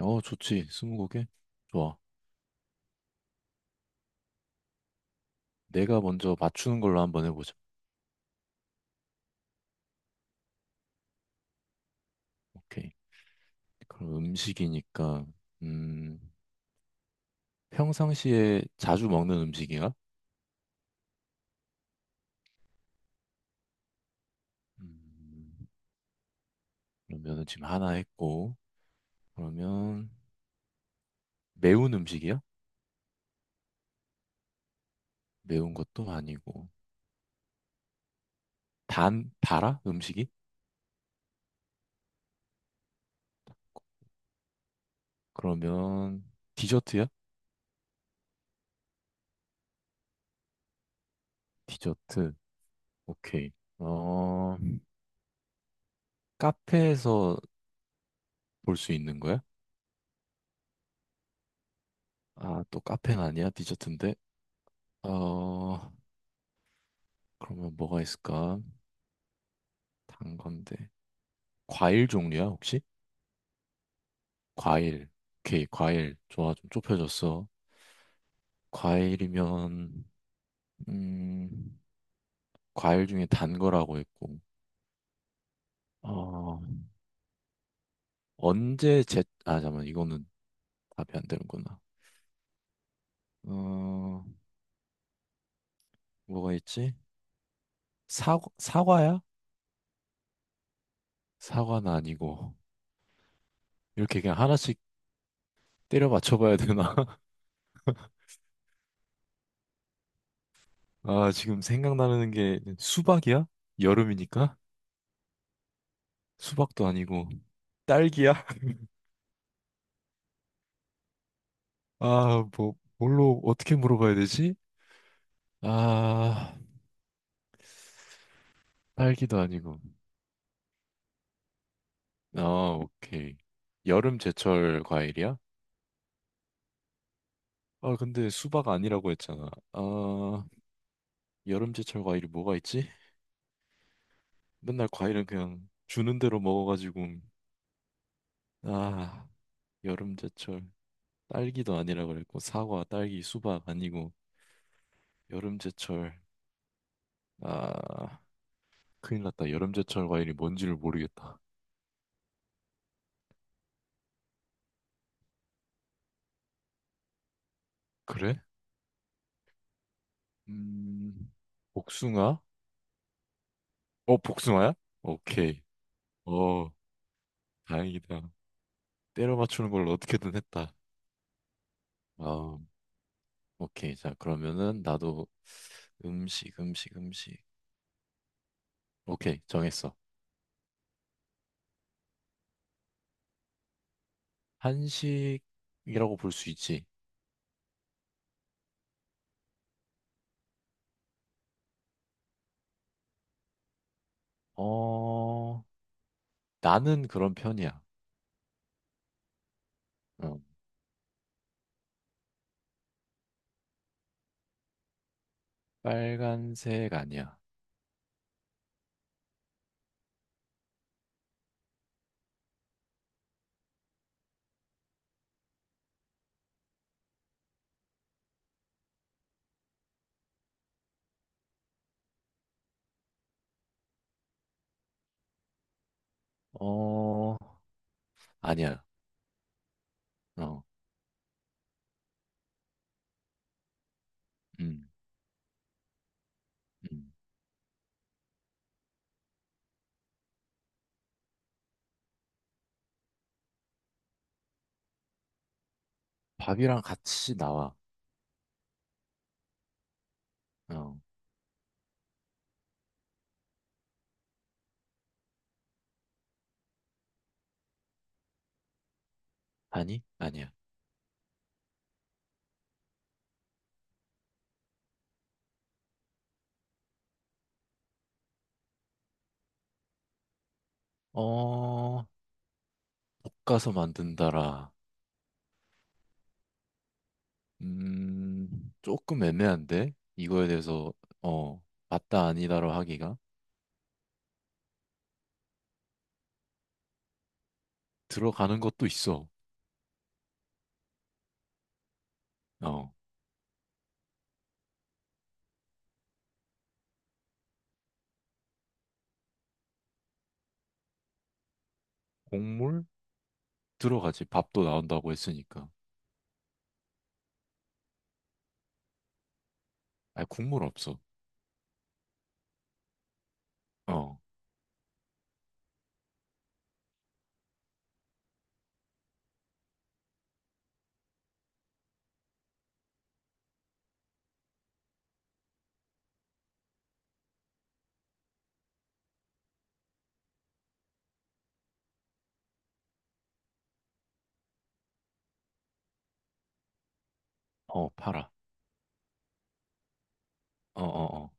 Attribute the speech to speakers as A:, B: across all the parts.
A: 어, 좋지. 스무고개? 좋아. 내가 먼저 맞추는 걸로 한번 해보자. 오케이. 그럼 음식이니까, 음, 평상시에 자주 먹는 음식이야? 음, 그러면은 지금 하나 했고, 그러면 매운 음식이야? 매운 것도 아니고. 단, 달아? 음식이? 그러면 디저트야? 디저트. 오케이. 어, 카페에서 볼 수 있는 거야? 아, 또 카페는 아니야? 디저트인데? 어, 그러면 뭐가 있을까? 단 건데. 과일 종류야, 혹시? 과일. 오케이, 과일. 좋아, 좀 좁혀졌어. 과일이면, 음, 과일 중에 단 거라고 했고, 어, 언제 제, 아, 잠깐만, 이거는 답이 안 되는구나. 어, 뭐가 있지? 사, 사과야? 사과는 아니고. 이렇게 그냥 하나씩 때려 맞춰봐야 되나? 아, 지금 생각나는 게 수박이야? 여름이니까? 수박도 아니고. 딸기야? 아, 뭐, 뭘로, 어떻게 물어봐야 되지? 아, 딸기도 아니고. 아, 오케이. 여름 제철 과일이야? 아, 근데 수박 아니라고 했잖아. 아, 여름 제철 과일이 뭐가 있지? 맨날 과일은 그냥 주는 대로 먹어가지고. 아, 여름 제철. 딸기도 아니라고 그랬고, 사과, 딸기, 수박 아니고, 여름 제철. 아, 큰일 났다. 여름 제철 과일이 뭔지를 모르겠다. 그래? 음, 복숭아? 어, 복숭아야? 오케이. 어, 다행이다. 때려 맞추는 걸 어떻게든 했다. 어... 오케이. 자, 그러면은 나도 음식, 음식, 음식. 오케이, 정했어. 한식이라고 볼 수 있지. 어, 나는 그런 편이야. 어, 빨간색 아니야. 어, 아니야. 어, 음, 음. 밥이랑 같이 나와. 어, 아니? 아니야. 어, 볶아서 만든다라. 음, 조금 애매한데? 이거에 대해서, 어, 맞다 아니다로 하기가? 들어가는 것도 있어. 어, 곡물? 들어가지. 밥도 나온다고 했으니까. 아, 국물 없어. 어, 어, 팔아. 어, 어, 어.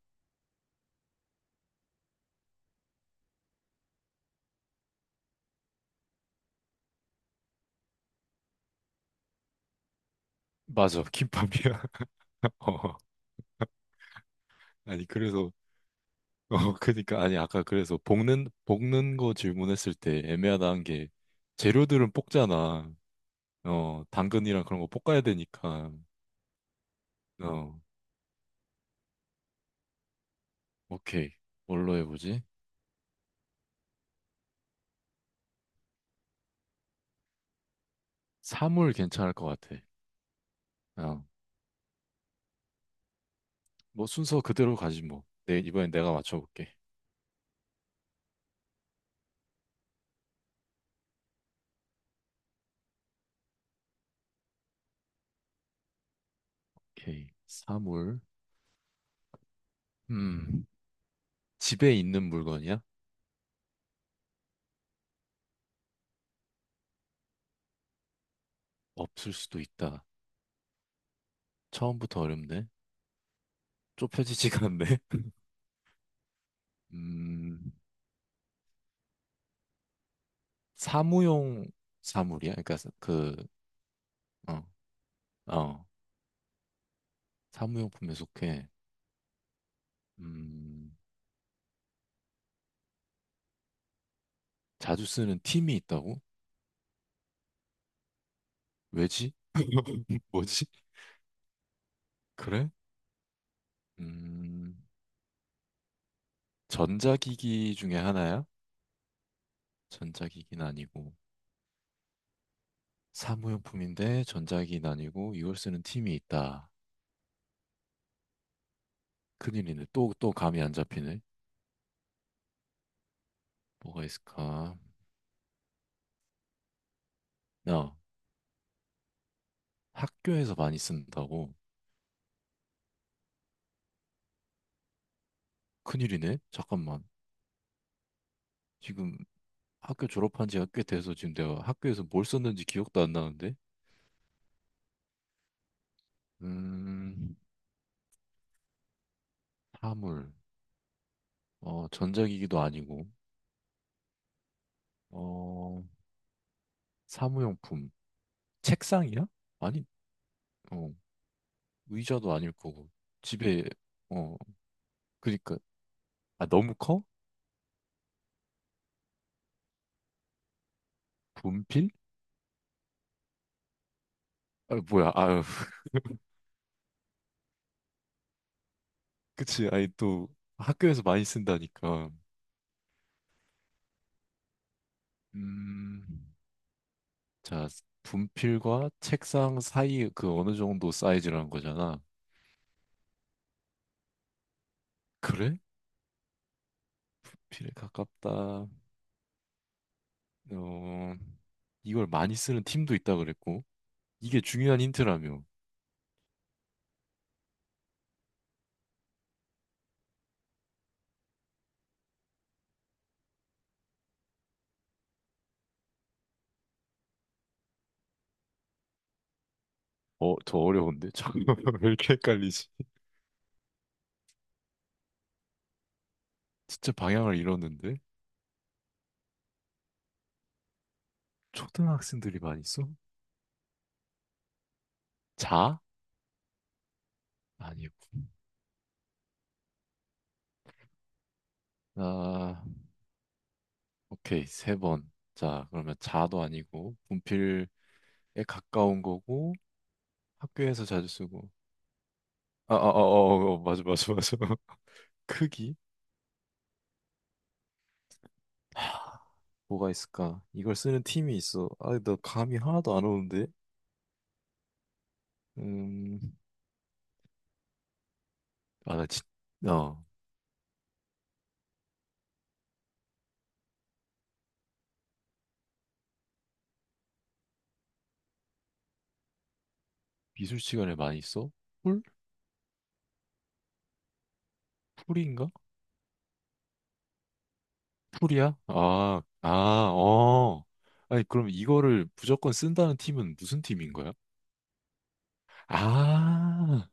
A: 맞아. 김밥이야. 어, 아니, 그래서, 어, 그니까, 아니, 아까 그래서 볶는 거 질문했을 때 애매하다는 게 재료들은 볶잖아. 당근이랑 그런 거 볶아야 되니까. 어, 오케이. 뭘로 해보지? 사물 괜찮을 것 같아. 그냥 뭐 순서 그대로 가지 뭐. 내 이번엔 내가 맞춰볼게. 오케이. 사물. 음. 집에 있는 물건이야? 없을 수도 있다. 처음부터 어렵네. 좁혀지지가 않네. 음. 사무용 사물이야? 그러니까 사- 그 어. 어. 사무용품에 속해. 음. 자주 쓰는 팀이 있다고? 왜지? 뭐지? 그래? 음. 전자기기 중에 하나야? 전자기기는 아니고. 사무용품인데 전자기기 아니고 이걸 쓰는 팀이 있다. 큰일이네. 또 감이 안 잡히네. 뭐가 있을까? 나 학교에서 많이 쓴다고. 큰일이네. 잠깐만. 지금 학교 졸업한 지가 꽤 돼서 지금 내가 학교에서 뭘 썼는지 기억도 안 나는데? 음, 사물. 전자기기도 아니고. 어, 사무용품. 책상이야? 아니, 어, 의자도 아닐 거고. 집에, 어, 그니까. 아, 너무 커? 분필? 아, 뭐야, 아유. 그치. 아니, 또 학교에서 많이 쓴다니까. 음, 자, 분필과 책상 사이 그 어느 정도 사이즈라는 거잖아. 그래? 분필에 가깝다. 어, 이걸 많이 쓰는 팀도 있다 그랬고. 이게 중요한 힌트라며. 어, 더 어려운데? 잠깐만, 왜 이렇게 헷갈리지? 진짜 방향을 잃었는데? 초등학생들이 많이 써? 자? 아니고. 아, 오케이. 세 번. 자, 그러면 자도 아니고, 분필 에 가까운 거고, 학교에서 자주 쓰고. 아, 아, 아, 어, 어, 어, 맞아, 맞아, 맞아. 크기? 하, 뭐가 있을까? 이걸 쓰는 팀이 있어. 아, 나 감이 하나도 안 오는데. 음, 아, 나 진, 어, 미술 시간에 많이 써? 풀? 풀인가? 풀이야? 아, 아, 어. 아니, 그럼 이거를 무조건 쓴다는 팀은 무슨 팀인 거야? 아,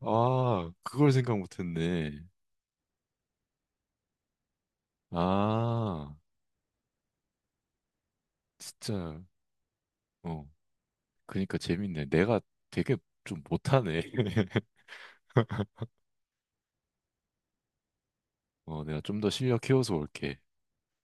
A: 아, 그걸 생각 못 했네. 아, 진짜, 어. 그니까 재밌네. 내가 되게 좀 못하네. 어, 내가 좀 더 실력 키워서 올게.